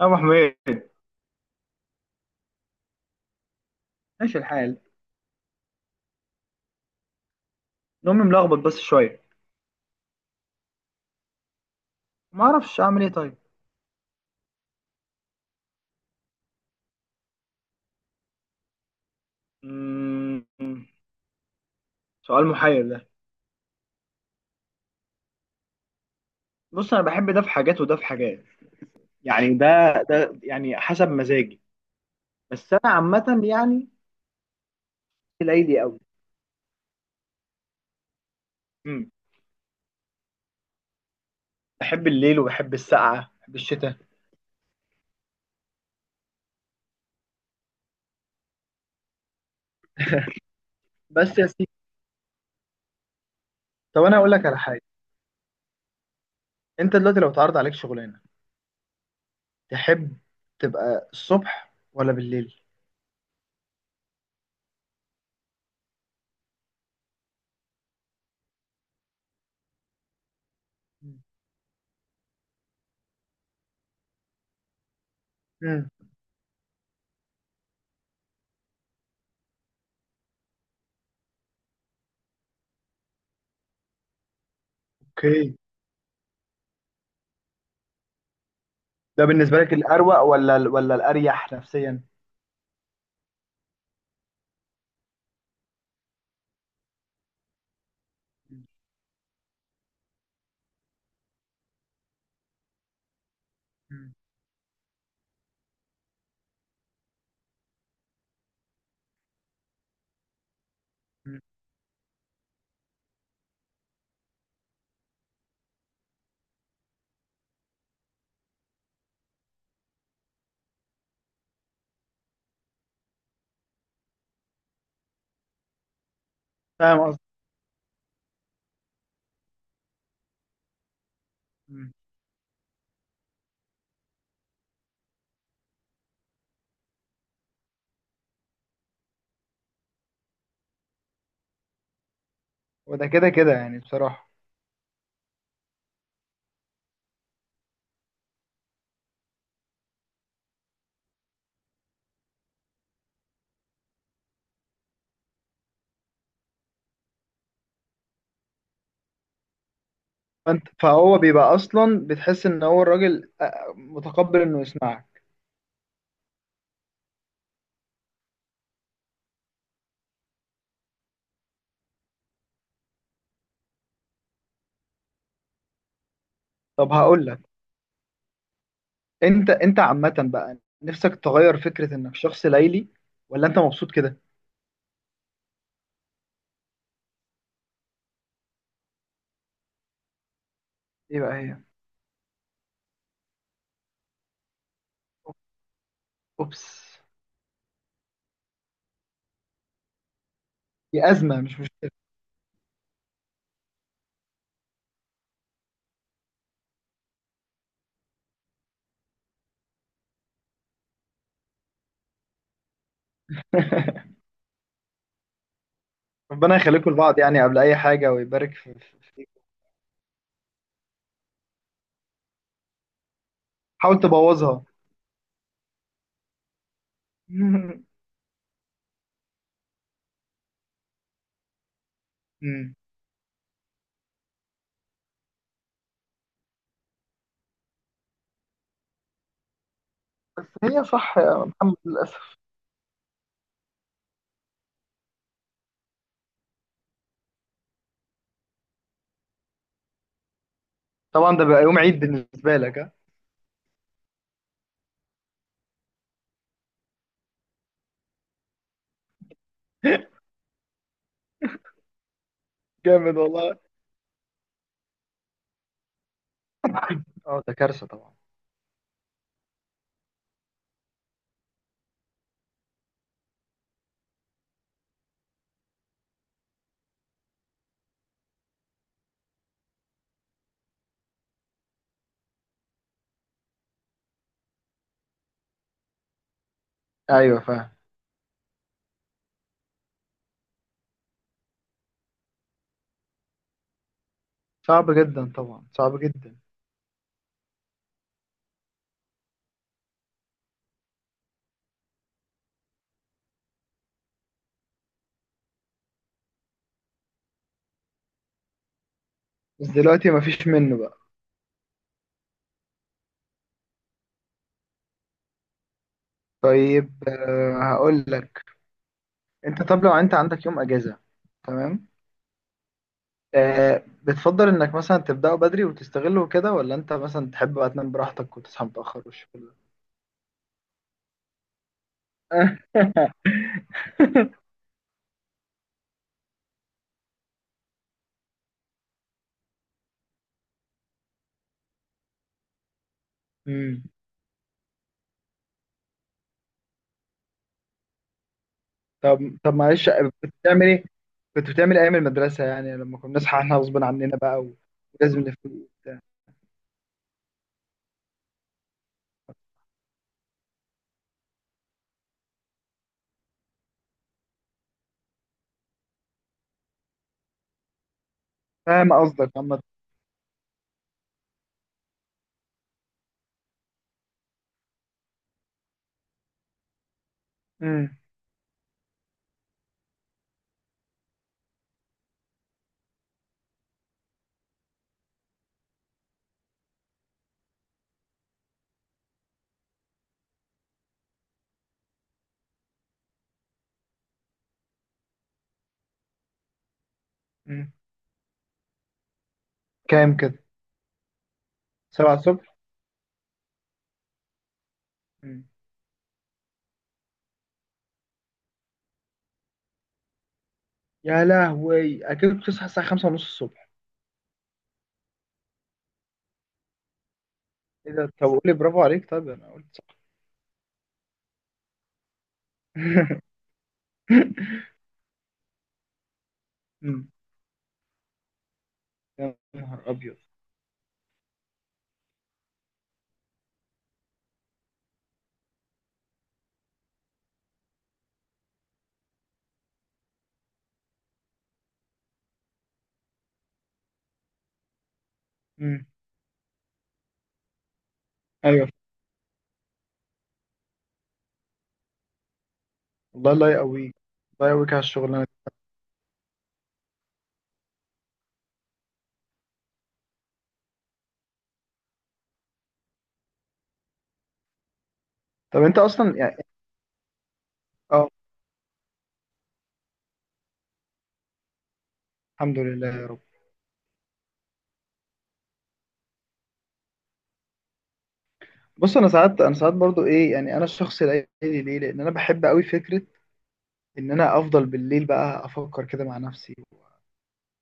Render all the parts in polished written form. يا ابو حميد. ماشي الحال. نومي ملخبط بس شويه. ما اعرفش اعمل ايه طيب. مم. سؤال محير ده. بص، انا بحب ده في حاجات وده في حاجات. يعني ده يعني حسب مزاجي. بس انا عامه يعني ليلي قوي. امم. بحب الليل وبحب السقعه، بحب الشتاء. بس يا سيدي، طب انا اقول لك على حاجه. انت دلوقتي لو اتعرض عليك شغلانه، تحب تبقى الصبح ولا بالليل؟ امم. اوكي. ده بالنسبه لك الاروق ولا الاريح نفسيا؟ مم. فاهم قصدي. مم. وده كده كده يعني بصراحة. فهو بيبقى اصلا بتحس ان هو الراجل متقبل انه يسمعك. طب هقول لك، انت عامة بقى نفسك تغير فكرة انك شخص ليلي، ولا انت مبسوط كده؟ ايه بقى هي. اوبس. دي ازمة مش مشكلة. ربنا يخليكم لبعض يعني قبل اي حاجة، ويبارك فيك. حاول تبوظها. مم. بس هي صح يا محمد، للاسف. طبعا ده بقى يوم عيد بالنسبة لك، ها؟ جامد والله. اه، ده كارثة طبعا. ايوه، فاهم. صعب جدا طبعا، صعب جدا. بس دلوقتي مفيش منه بقى. طيب، هقول لك. انت طب لو انت عندك يوم اجازه، تمام، بتفضل انك مثلا تبداه بدري وتستغله كده، ولا انت مثلا تحب بقى تنام براحتك وتصحى متاخر والشغل ده؟ آه. مم. طب معلش، كنت بتعمل ايه؟ كنت بتعمل ايام المدرسه يعني، لما كنا بنصحى احنا غصب عننا بقى، ولازم نفوق وبتاع. فاهم قصدك عامه. مم. مم. كام كده؟ سبعة الصبح؟ مم. يا لهوي، اكيد بتصحى الساعه 5 ونص الصبح؟ ايه ده؟ طب قول لي، برافو عليك، طيب انا قلت صح. أمم. يا نهار ابيض. أمم. ايوه. والله، الله يقويك. الله يقويك على الشغلانه دي. طب انت اصلا يعني. اه. الحمد لله يا رب. بص، انا ساعات برضو ايه يعني انا الشخص الليلي. ليه؟ لان انا بحب قوي فكره ان انا افضل بالليل، بقى افكر كده مع نفسي،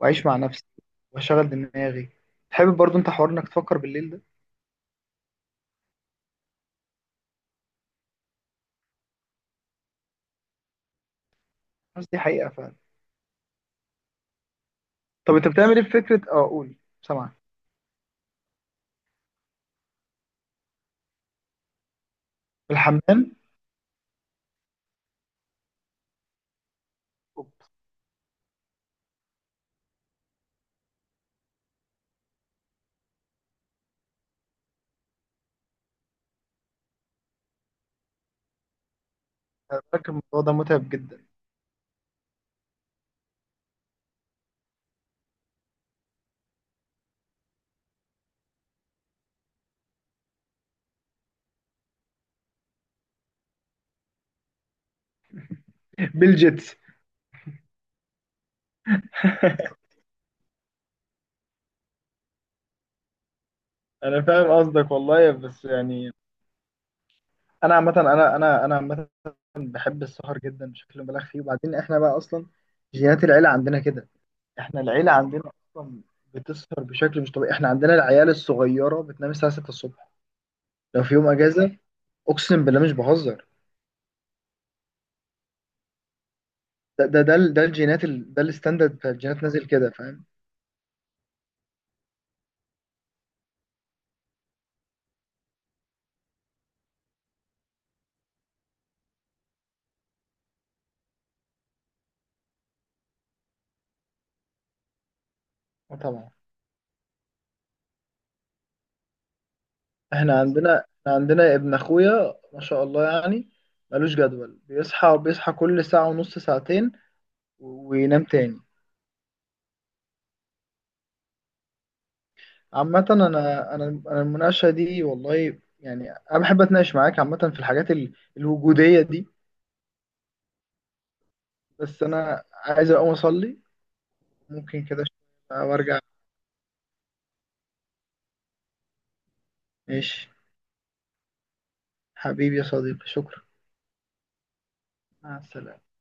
واعيش مع نفسي، واشغل دماغي. تحب برضو انت حوار انك تفكر بالليل ده؟ بس دي حقيقه فعلا. طب انت بتعمل ايه في فكره؟ اه قول، سامعك. الحمام؟ أوبس. أنا فاكر الموضوع ده متعب جدا. بالجيتس. انا فاهم قصدك والله، بس يعني انا عامه، انا انا انا عامه بحب السهر جدا بشكل مبالغ فيه. وبعدين احنا بقى اصلا جينات العيله عندنا كده. احنا العيله عندنا اصلا بتسهر بشكل مش طبيعي. احنا عندنا العيال الصغيره بتنام الساعه 6 الصبح لو في يوم اجازه، اقسم بالله مش بهزر. ده الجينات ده الستاندرد بتاع الجينات نازل كده، فاهم؟ آه، طبعا. احنا عندنا ابن اخويا ما شاء الله يعني، ملوش جدول، بيصحى كل ساعة ونص ساعتين وينام تاني. عامة انا انا انا المناقشة دي والله يعني، انا بحب اتناقش معاك عامة في الحاجات الوجودية دي. بس انا عايز اقوم اصلي. ممكن كده شوية وارجع؟ ماشي. حبيبي يا صديقي، شكرا. مع السلامة.